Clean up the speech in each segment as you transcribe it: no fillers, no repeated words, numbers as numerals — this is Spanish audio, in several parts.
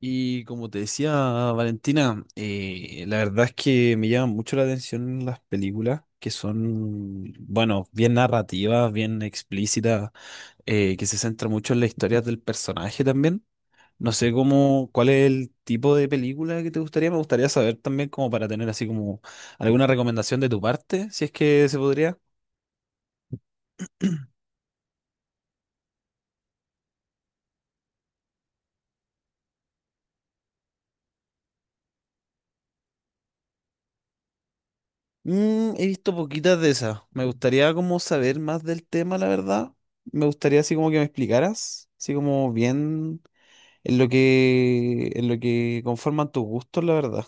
Y como te decía Valentina, la verdad es que me llaman mucho la atención las películas que son, bueno, bien narrativas, bien explícitas, que se centran mucho en las historias del personaje también. No sé cómo, cuál es el tipo de película que te gustaría. Me gustaría saber también como para tener así como alguna recomendación de tu parte, si es que se podría. Mm, he visto poquitas de esas. Me gustaría como saber más del tema, la verdad. Me gustaría así como que me explicaras, así como bien en lo que conforman tus gustos, la verdad.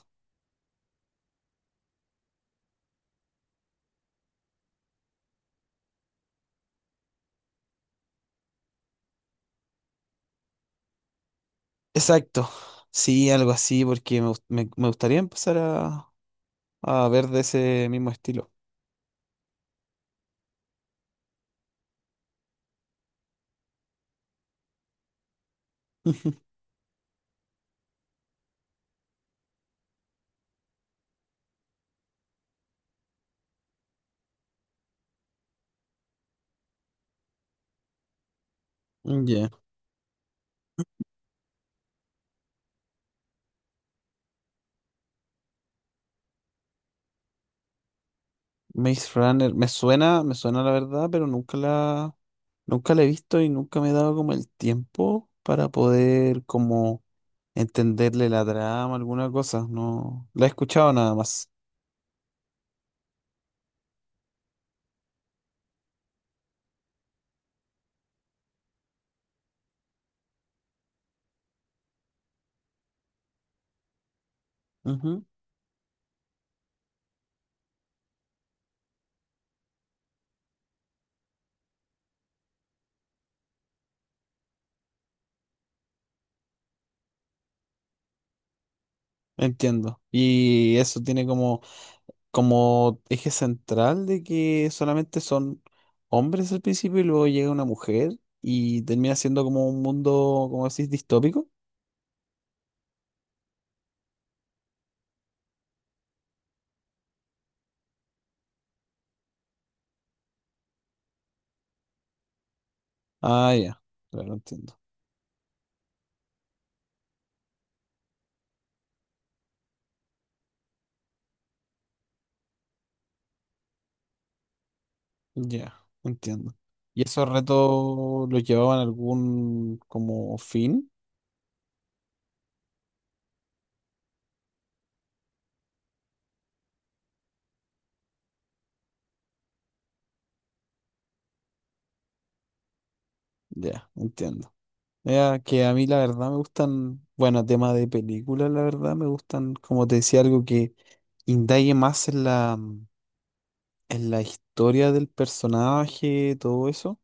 Exacto. Sí, algo así, porque me gustaría empezar a ver de ese mismo estilo. Mm, ya. Maze Runner, me suena la verdad, pero nunca la he visto y nunca me he dado como el tiempo para poder como entenderle la trama, alguna cosa. No, la he escuchado nada más. Ujú, entiendo. Y eso tiene como, como eje central de que solamente son hombres al principio y luego llega una mujer y termina siendo como un mundo, como decís, distópico. Ah, ya, claro, entiendo. Ya, entiendo. ¿Y esos retos los llevaban a algún como fin? Ya, entiendo. Mira, que a mí la verdad me gustan, bueno, tema de películas, la verdad me gustan, como te decía, algo que indague más en la, en la historia del personaje, todo eso.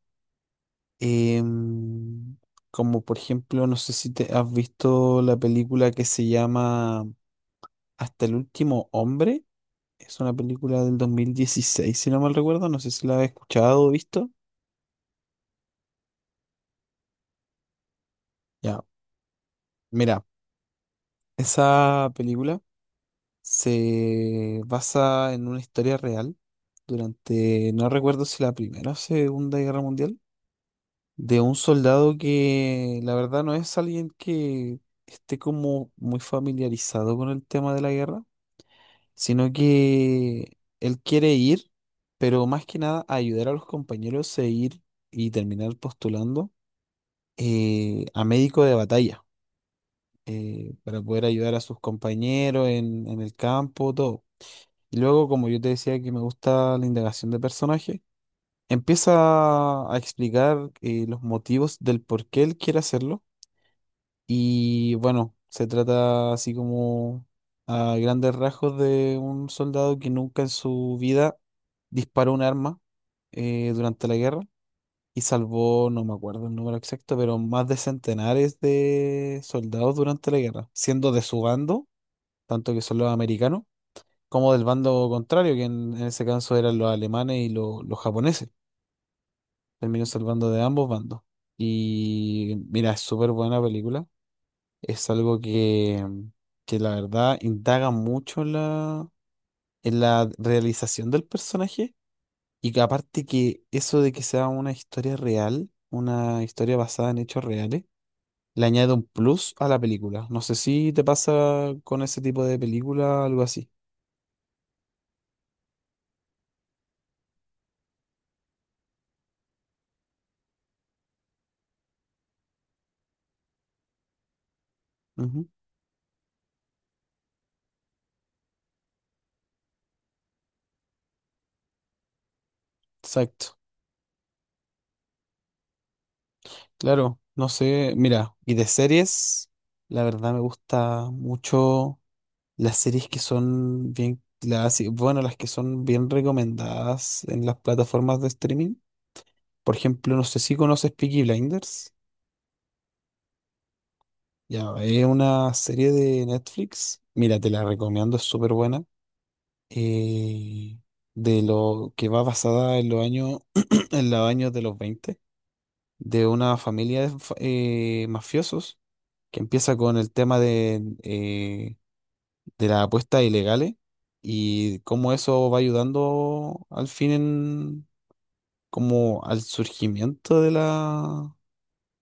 Em, Como por ejemplo, no sé si te has visto la película que se llama Hasta el último hombre. Es una película del 2016 si no mal recuerdo. No sé si la has escuchado o visto. Ya, mira, esa película. Se basa en una historia real durante, no recuerdo si la Primera o Segunda Guerra Mundial, de un soldado que la verdad no es alguien que esté como muy familiarizado con el tema de la guerra, sino que él quiere ir, pero más que nada ayudar a los compañeros a ir y terminar postulando a médico de batalla. Para poder ayudar a sus compañeros en el campo, todo. Y luego, como yo te decía que me gusta la indagación de personaje, empieza a explicar los motivos del por qué él quiere hacerlo. Y bueno, se trata así como a grandes rasgos de un soldado que nunca en su vida disparó un arma durante la guerra y salvó, no me acuerdo el número exacto, pero más de centenares de soldados durante la guerra, siendo de su bando, tanto que son los americanos como del bando contrario, que en ese caso eran los alemanes y los japoneses. Terminó salvando de ambos bandos. Y mira, es súper buena película. Es algo que la verdad indaga mucho en la realización del personaje. Y que aparte que eso de que sea una historia real, una historia basada en hechos reales, le añade un plus a la película. No sé si te pasa con ese tipo de película, algo así. Ujú, exacto. Claro, no sé, mira, y de series, la verdad me gusta mucho las series que son bien, las, bueno, las que son bien recomendadas en las plataformas de streaming. Por ejemplo, no sé si conoces Peaky Blinders. Ya, es una serie de Netflix. Mira, te la recomiendo, es súper buena. eh, de lo que va basada en los años, en los años de los 20, de una familia de mafiosos que empieza con el tema de las apuestas ilegales y cómo eso va ayudando al fin en, como al surgimiento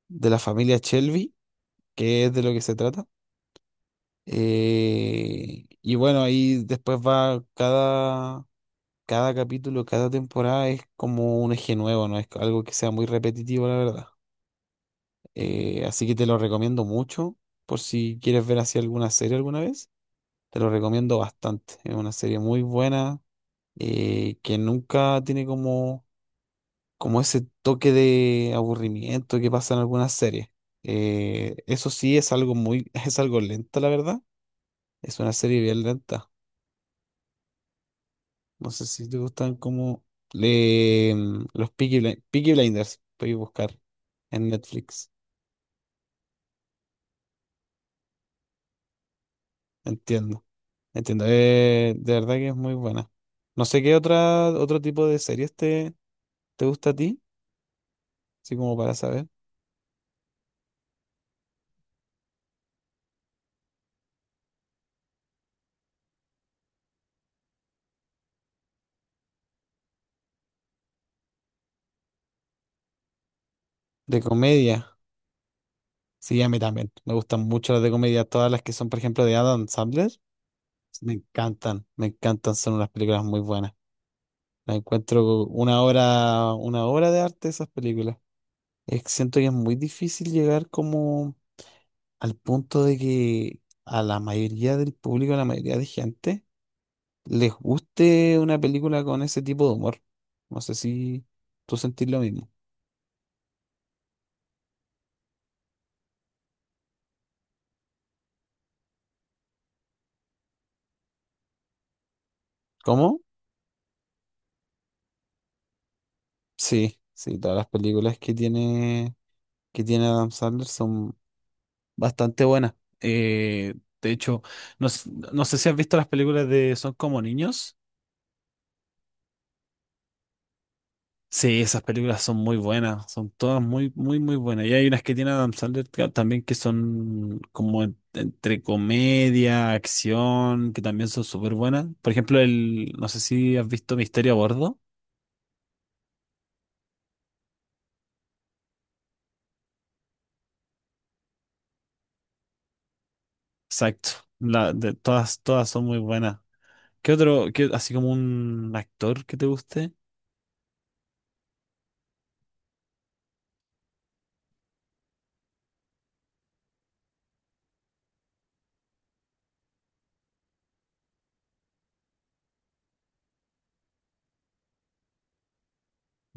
de la familia Shelby, que es de lo que se trata. Y bueno, ahí después va cada, cada capítulo, cada temporada es como un eje nuevo, no es algo que sea muy repetitivo, la verdad. Así que te lo recomiendo mucho por si quieres ver así alguna serie alguna vez. Te lo recomiendo bastante. Es una serie muy buena que nunca tiene como, como ese toque de aburrimiento que pasa en algunas series. Eso sí es algo muy, es algo lenta, la verdad. Es una serie bien lenta. No sé si te gustan como le, los Peaky, Peaky Blinders. Puedes buscar en Netflix. Entiendo. Entiendo. De verdad que es muy buena. No sé qué otra, otro tipo de series te, te gusta a ti, así como para saber. De comedia. Sí, a mí también. Me gustan mucho las de comedia. Todas las que son, por ejemplo, de Adam Sandler. Me encantan, me encantan. Son unas películas muy buenas. La encuentro una obra de arte esas películas. Es que siento que es muy difícil llegar como al punto de que a la mayoría del público, a la mayoría de gente, les guste una película con ese tipo de humor. No sé si tú sentís lo mismo. ¿Cómo? Sí, sí, todas las películas que tiene Adam Sandler son bastante buena. De hecho, no, no sé si has visto las películas de Son como niños. Sí, esas películas son muy buenas, son todas muy, muy, muy buenas. Y hay unas que tiene Adam Sandler también que son como entre comedia, acción, que también son súper buenas. Por ejemplo, el, no sé si has visto Misterio a Bordo. Exacto, la, de, todas, todas son muy buenas. ¿Qué otro, qué- así como un actor que te guste?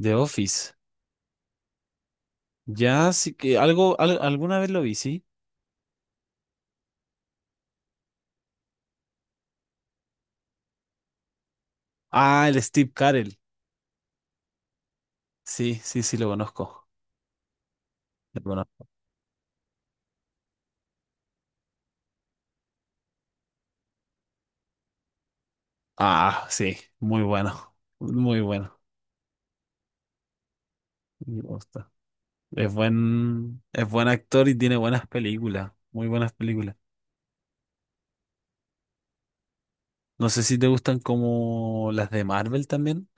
The Office. Ya, sí que algo, alguna vez lo vi, sí. Ah, el Steve Carell. Sí, sí, sí, lo conozco. Lo conozco. Ah, sí, muy bueno. Muy bueno. Me gusta. Es buen actor y tiene buenas películas. Muy buenas películas. No sé si te gustan como las de Marvel también.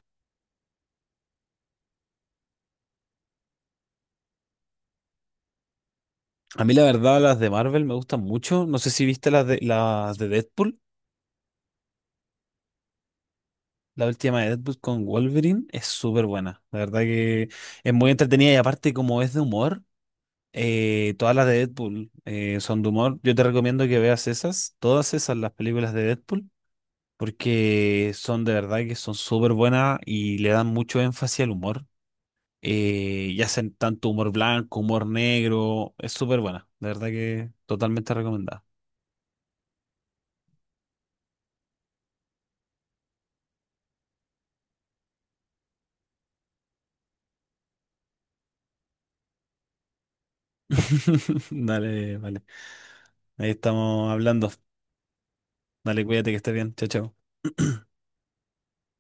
A mí la verdad las de Marvel me gustan mucho. No sé si viste las de Deadpool. La última de Deadpool con Wolverine es súper buena. La verdad que es muy entretenida y aparte como es de humor. Todas las de Deadpool son de humor. Yo te recomiendo que veas esas, todas esas, las películas de Deadpool, porque son de verdad que son súper buenas y le dan mucho énfasis al humor. Y hacen tanto humor blanco, humor negro. Es súper buena. De verdad que totalmente recomendada. Dale, vale. Ahí estamos hablando. Dale, cuídate que estés bien. Chao, chao.